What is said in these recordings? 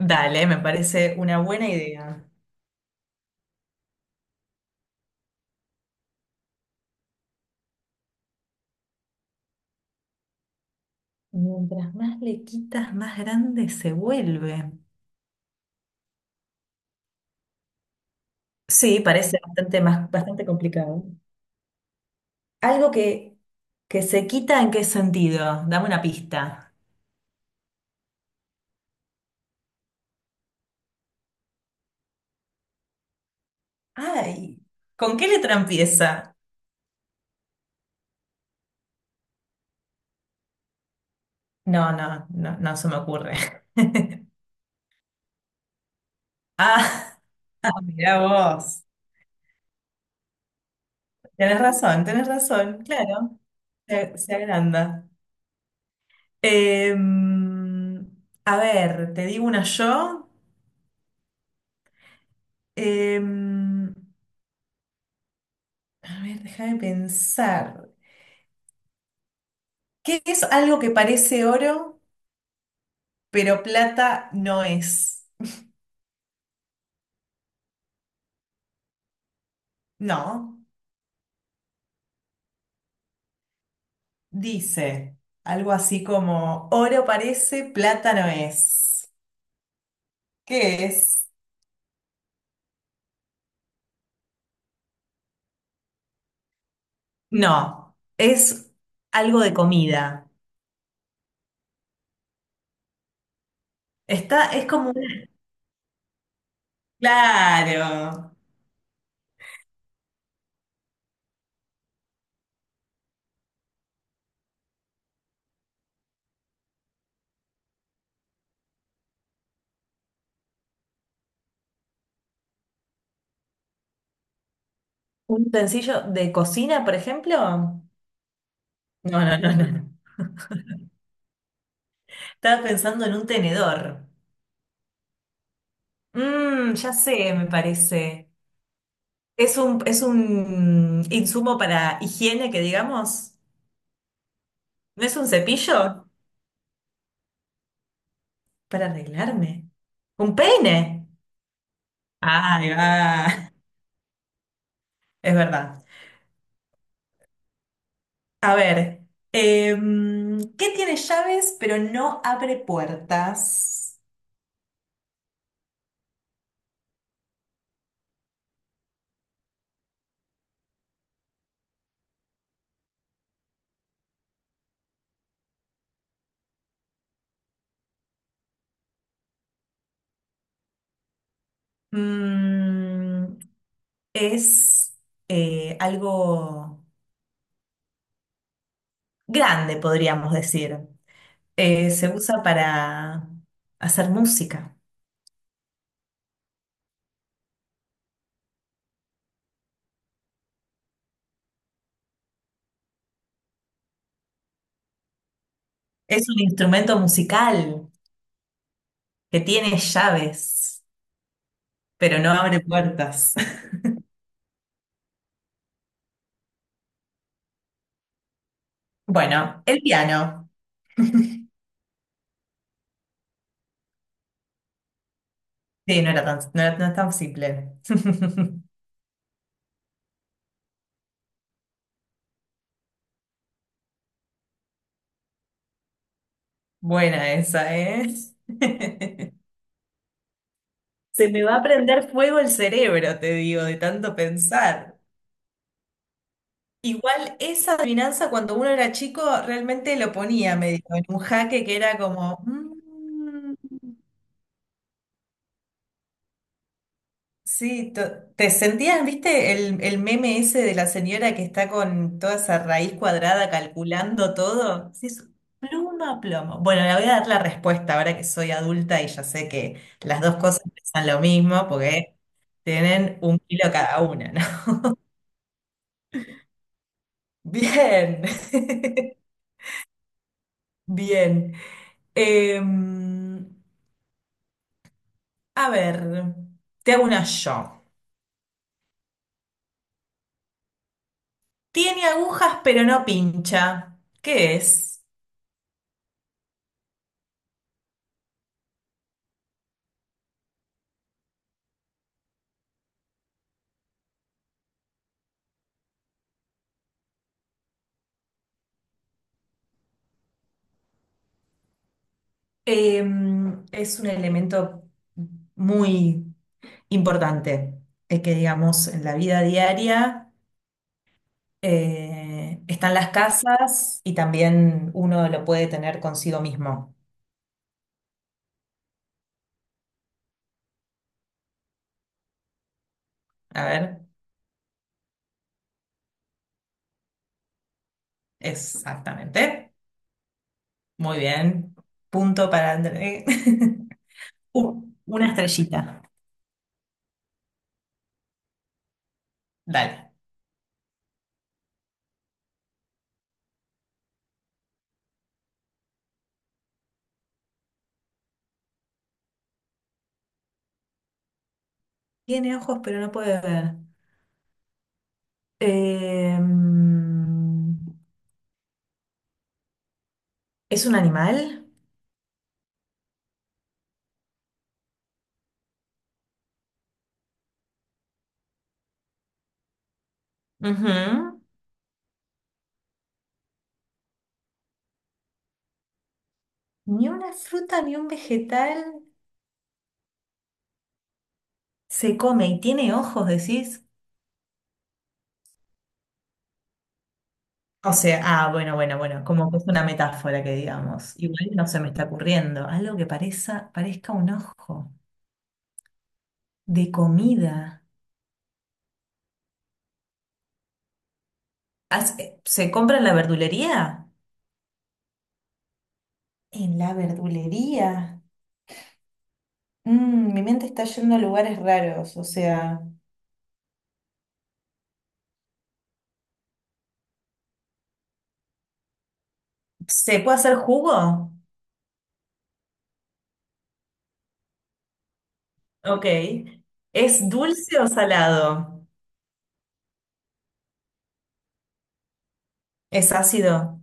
Dale, me parece una buena idea. Mientras más le quitas, más grande se vuelve. Sí, parece bastante más, bastante complicado. Algo que se quita, ¿en qué sentido? Dame una pista. Ay, ¿con qué letra empieza? No, no, no, no se me ocurre. Ah, mirá vos. Tenés razón, claro. Se agranda. Em, a ver, te digo una yo. Em, A ver, déjame pensar. ¿Qué es algo que parece oro, pero plata no es? No, dice algo así como oro parece, plata no es. ¿Qué es? No, es algo de comida. Está, es como un- Claro. ¿Un utensilio de cocina, por ejemplo? No, no, no, no. Estaba pensando en un tenedor. Mmm, ya sé, me parece. Es un insumo para higiene, que digamos. ¿No es un cepillo? Para arreglarme. ¿Un peine? Ahí va. Es verdad. A ver, ¿qué tiene llaves pero no abre puertas? Mm, es algo grande, podríamos decir. Se usa para hacer música. Es un instrumento musical que tiene llaves, pero no abre puertas. Bueno, el piano. Sí, no era tan, no era- no es tan simple. Buena esa, ¿eh? Se me va a prender fuego el cerebro, te digo, de tanto pensar. Igual esa adivinanza cuando uno era chico realmente lo ponía medio en un jaque que era como... sí, to- te sentías, viste, el meme ese de la señora que está con toda esa raíz cuadrada calculando todo. Sí, es pluma a plomo. Bueno, le voy a dar la respuesta ahora que soy adulta y ya sé que las dos cosas pesan lo mismo porque tienen un kilo cada una, ¿no? Bien, bien. Em, a ver, te hago una yo. Tiene agujas pero no pincha. ¿Qué es? Es un elemento muy importante, que digamos en la vida diaria están las casas y también uno lo puede tener consigo mismo. A ver, exactamente. Muy bien. Punto para André. Una estrellita. Dale. Tiene ojos, pero no puede ver. Em, ¿Es un animal? Ujú. Ni una fruta, ni un vegetal. Se come y tiene ojos, decís. O sea, ah, bueno, bueno, bueno, como que es una metáfora que digamos. Igual no se me está ocurriendo. Algo que parezca un ojo de comida. Haz- ¿se compra en la verdulería? En la verdulería. Mm, mi mente está yendo a lugares raros, o sea. ¿Se puede hacer jugo? Ok. ¿Es dulce o salado? ¿Es ácido?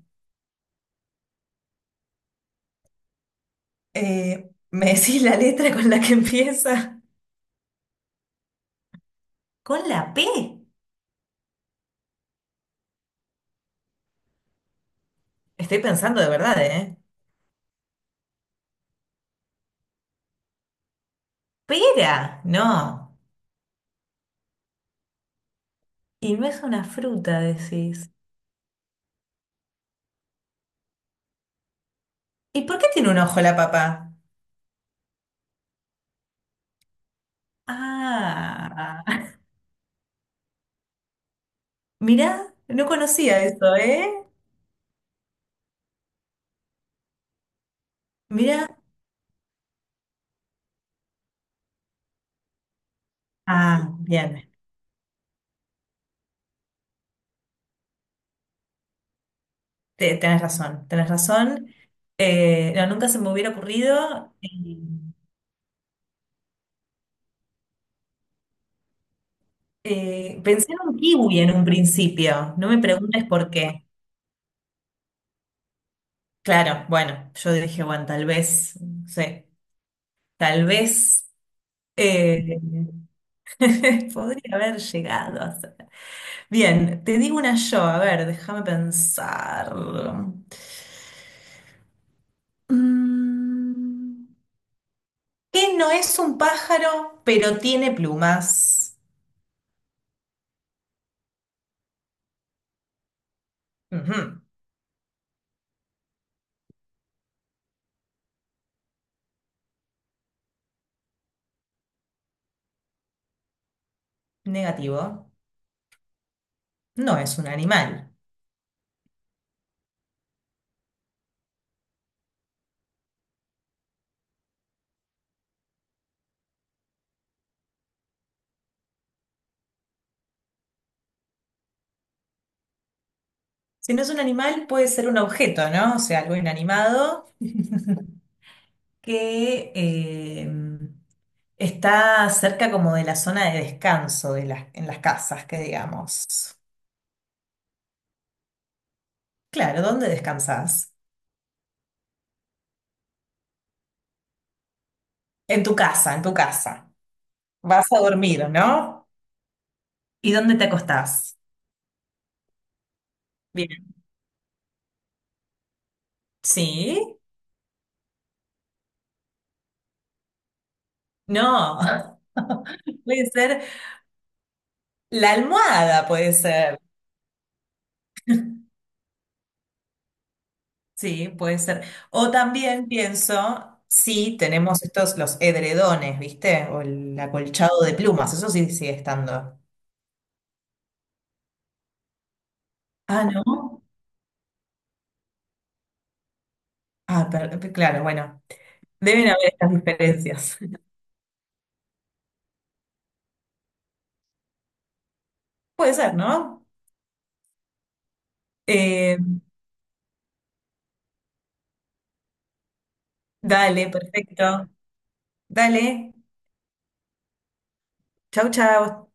¿Me decís la letra con la que empieza? ¿Con la P? Estoy pensando de verdad, ¿eh? Pera, no. Y no es una fruta, decís. ¿Y por qué tiene un ojo la papa? Ah, mirá, no conocía eso, ¿eh? Mirá. Ah, bien. Te- tenés razón, tenés razón. No, nunca se me hubiera ocurrido. Pensé en un kiwi en un principio. No me preguntes por qué. Claro, bueno, yo dije, bueno, tal vez, no sé, tal vez. eh, Podría haber llegado a ser. Bien, te digo una yo, a ver, déjame pensar. Mm, ¿Qué no es un pájaro, pero tiene plumas? Ujú, negativo. No es un animal. Si no es un animal, puede ser un objeto, ¿no? O sea, algo inanimado que está cerca como de la zona de descanso de las, en las casas, que digamos. Claro, ¿dónde descansas? En tu casa, en tu casa. Vas a dormir, ¿no? ¿Y dónde te acostás? Bien. ¿Sí? No. Puede ser la almohada, puede ser. Sí, puede ser. O también pienso, sí, tenemos estos, los edredones, ¿viste? O el acolchado de plumas, eso sí sigue estando. Ah, ¿no? Ah, per- per- claro, bueno. Deben haber estas diferencias. Puede ser, ¿no? Eh, dale, perfecto. Dale. Chau, chau.